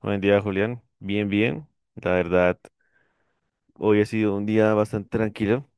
Buen día, Julián. Bien, bien. La verdad, hoy ha sido un día bastante tranquilo.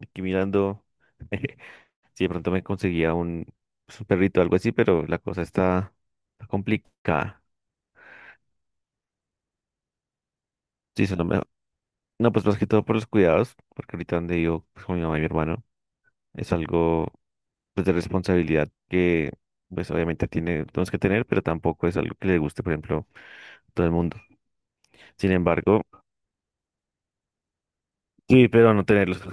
Aquí mirando si de pronto me conseguía pues, un perrito o algo así, pero la cosa está complicada. Sí. No, pues más que todo por los cuidados, porque ahorita donde yo pues, con mi mamá y mi hermano es algo pues, de responsabilidad que pues obviamente tenemos que tener, pero tampoco es algo que le guste, por ejemplo, a todo el mundo. Sin embargo, sí, pero no tenerlos.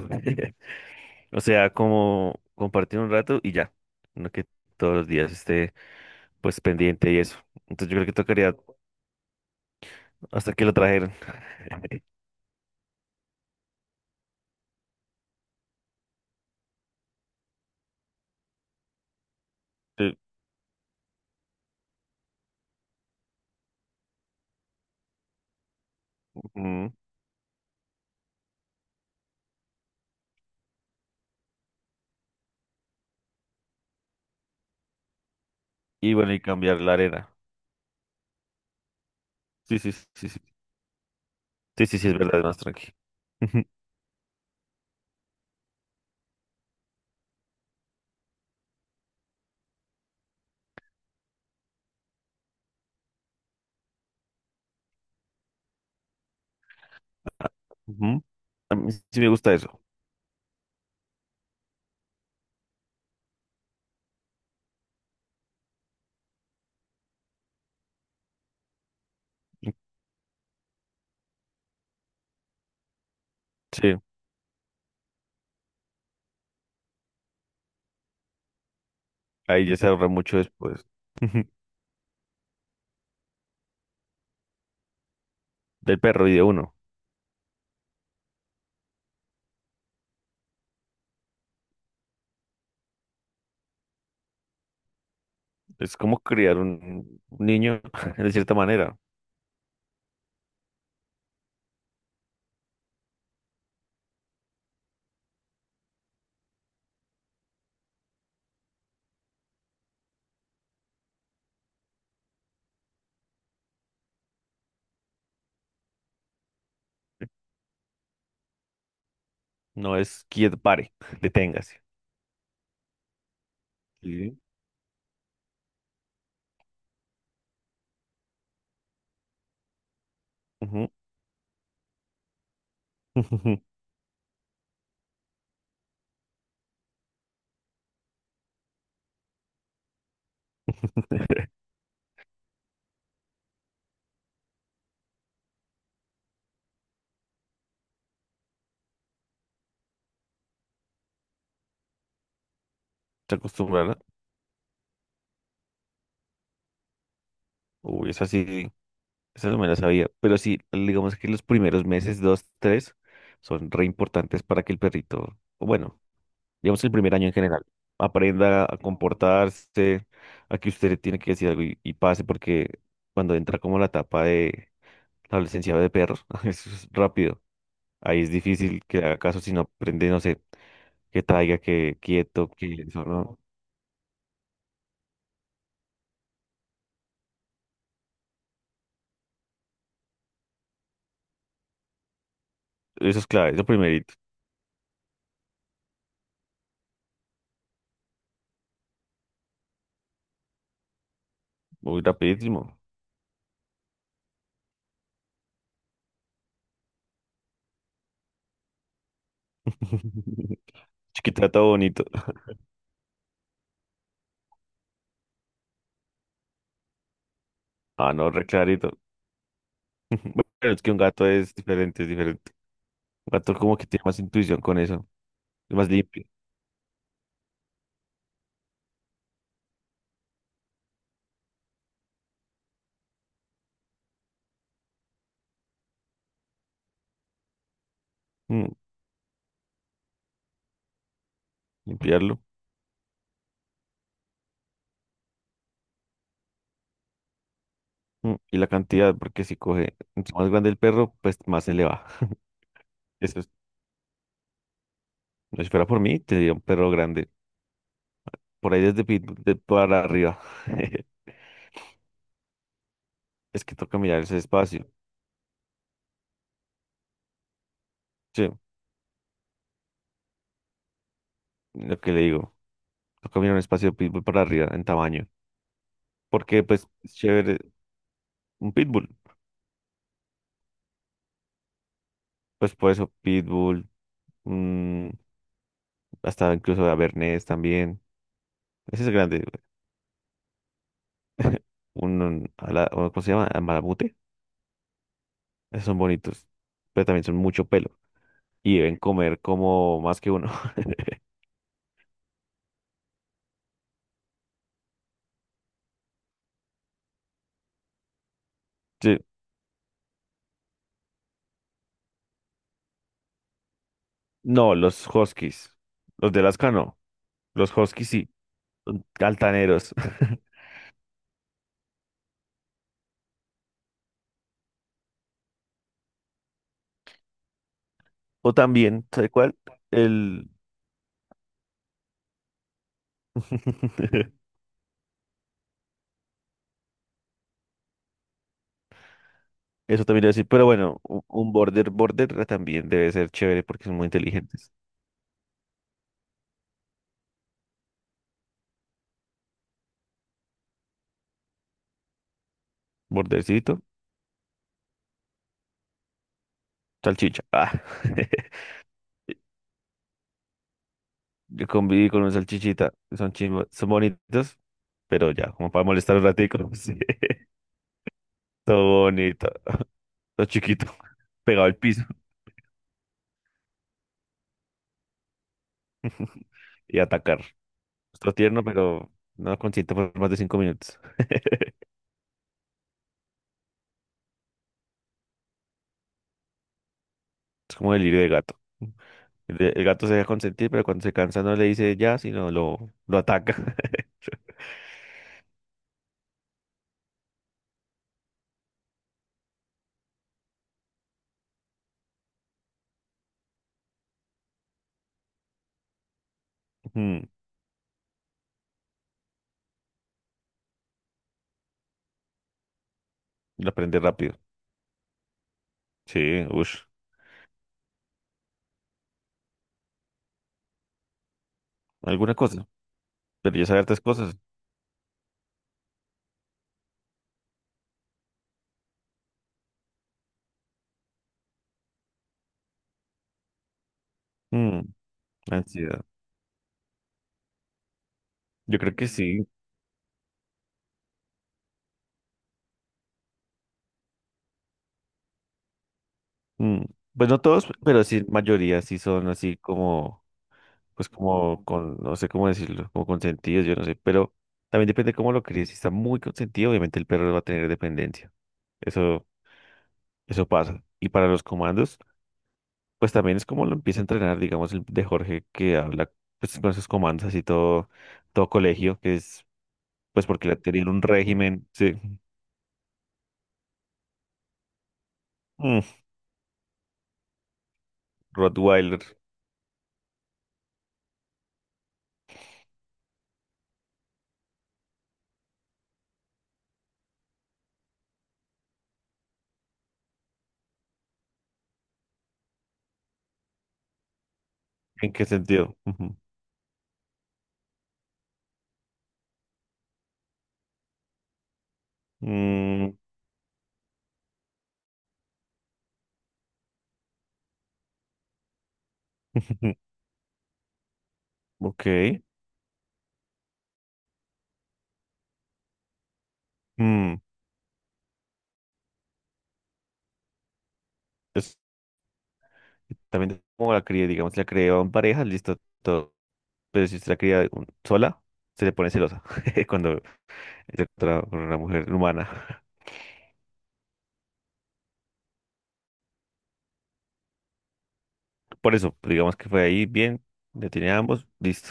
O sea, como compartir un rato y ya. No que todos los días esté pues pendiente y eso. Entonces yo creo que tocaría hasta que lo trajeran. Sí. Ujú. Y bueno, y cambiar la arena. Sí, sí, sí, sí. Sí, sí, sí, es verdad, es más tranquilo. Ujú. A mí sí me gusta eso. Sí, ahí ya se ahorra mucho después. Ujú. Del perro y de uno. Es como criar un niño de cierta manera. No es quieto, pare, deténgase. Sí. Ujú. Se acostumbra, ¿no? Uy, esa sí, esa no me la sabía. Pero sí, digamos que los primeros meses, 2, 3, son re importantes para que el perrito, o bueno, digamos el primer año en general, aprenda a comportarse, a que usted le tiene que decir algo y pase, porque cuando entra como la etapa de la adolescencia de perros, eso es rápido. Ahí es difícil que haga caso si no aprende, no sé, que traiga, que quieto, que eso, ¿no? Eso es clave, eso primerito. Muy rapidísimo. Chiquitata bonito. Ah, no, re clarito. Bueno, es que un gato es diferente, es diferente. Un gato como que tiene más intuición con eso, es más limpio. Mm, limpiarlo. Mm, y la cantidad, porque si coge entre más grande el perro, pues más se le va. Eso es, no, si fuera por mí, tendría un perro grande. Por ahí desde Pitbull de para arriba. Es que toca mirar ese espacio. Sí, lo que le digo. Toca mirar un espacio de Pitbull para arriba en tamaño. Porque pues es chévere un Pitbull. Pues por eso Pitbull, mm, hasta incluso Avernés también. Ese es grande. O ¿cómo se llama? Malamute. Esos son bonitos, pero también son mucho pelo y deben comer como más que uno. Sí. No, los huskies, los de Alaska no, los huskies sí, son altaneros. O también, ¿sabe cuál? El... Eso también iba a decir, pero bueno, un border también debe ser chévere porque son muy inteligentes. Bordercito, salchicha. Ah. Yo conviví con un salchichita, son chimbos, son bonitos, pero ya, como para molestar un ratico. Sí. Todo bonito, todo chiquito, pegado al piso y atacar. Todo tierno, pero no consiente por más de 5 minutos. Es como delirio de gato. El gato se deja consentir, pero cuando se cansa no le dice ya, sino lo ataca. Mm. Lo aprende rápido. Sí, ush, alguna cosa. Pero ya sabe hartas cosas. Mm, ansiedad. Yo creo que sí. Mm. Pues no todos, pero sí, mayoría sí son así como pues como con, no sé cómo decirlo, como consentidos, yo no sé, pero también depende cómo lo críes. Si está muy consentido, obviamente el perro va a tener dependencia. Eso, eso pasa. Y para los comandos, pues también es como lo empieza a entrenar, digamos, el de Jorge que habla pues, con esos comandos así todo, todo colegio, que es pues porque le tenían un régimen, sí. Mm. Rottweiler. ¿En qué sentido? Ujú. Mm, ok. Mm, es- también como la cría, digamos, la criaban en pareja, listo, todo. Pero si usted la cría sola, se le pone celosa cuando está con con una mujer humana. Por eso, digamos que fue ahí bien, le tiene a ambos, listo.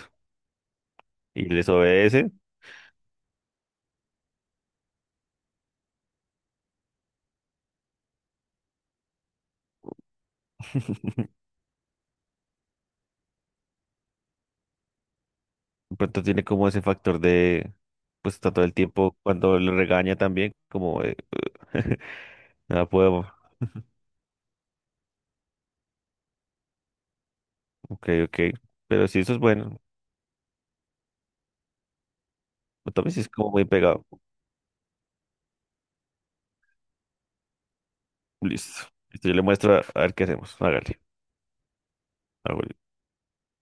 Y les obedece. De pronto tiene como ese factor de, pues está todo el tiempo cuando le regaña también, como de, nada puedo, ok, ok. Pero si eso es bueno, pues, también si es como muy pegado, listo. Listo, yo le muestro a ver qué hacemos. Hágale. Hágale.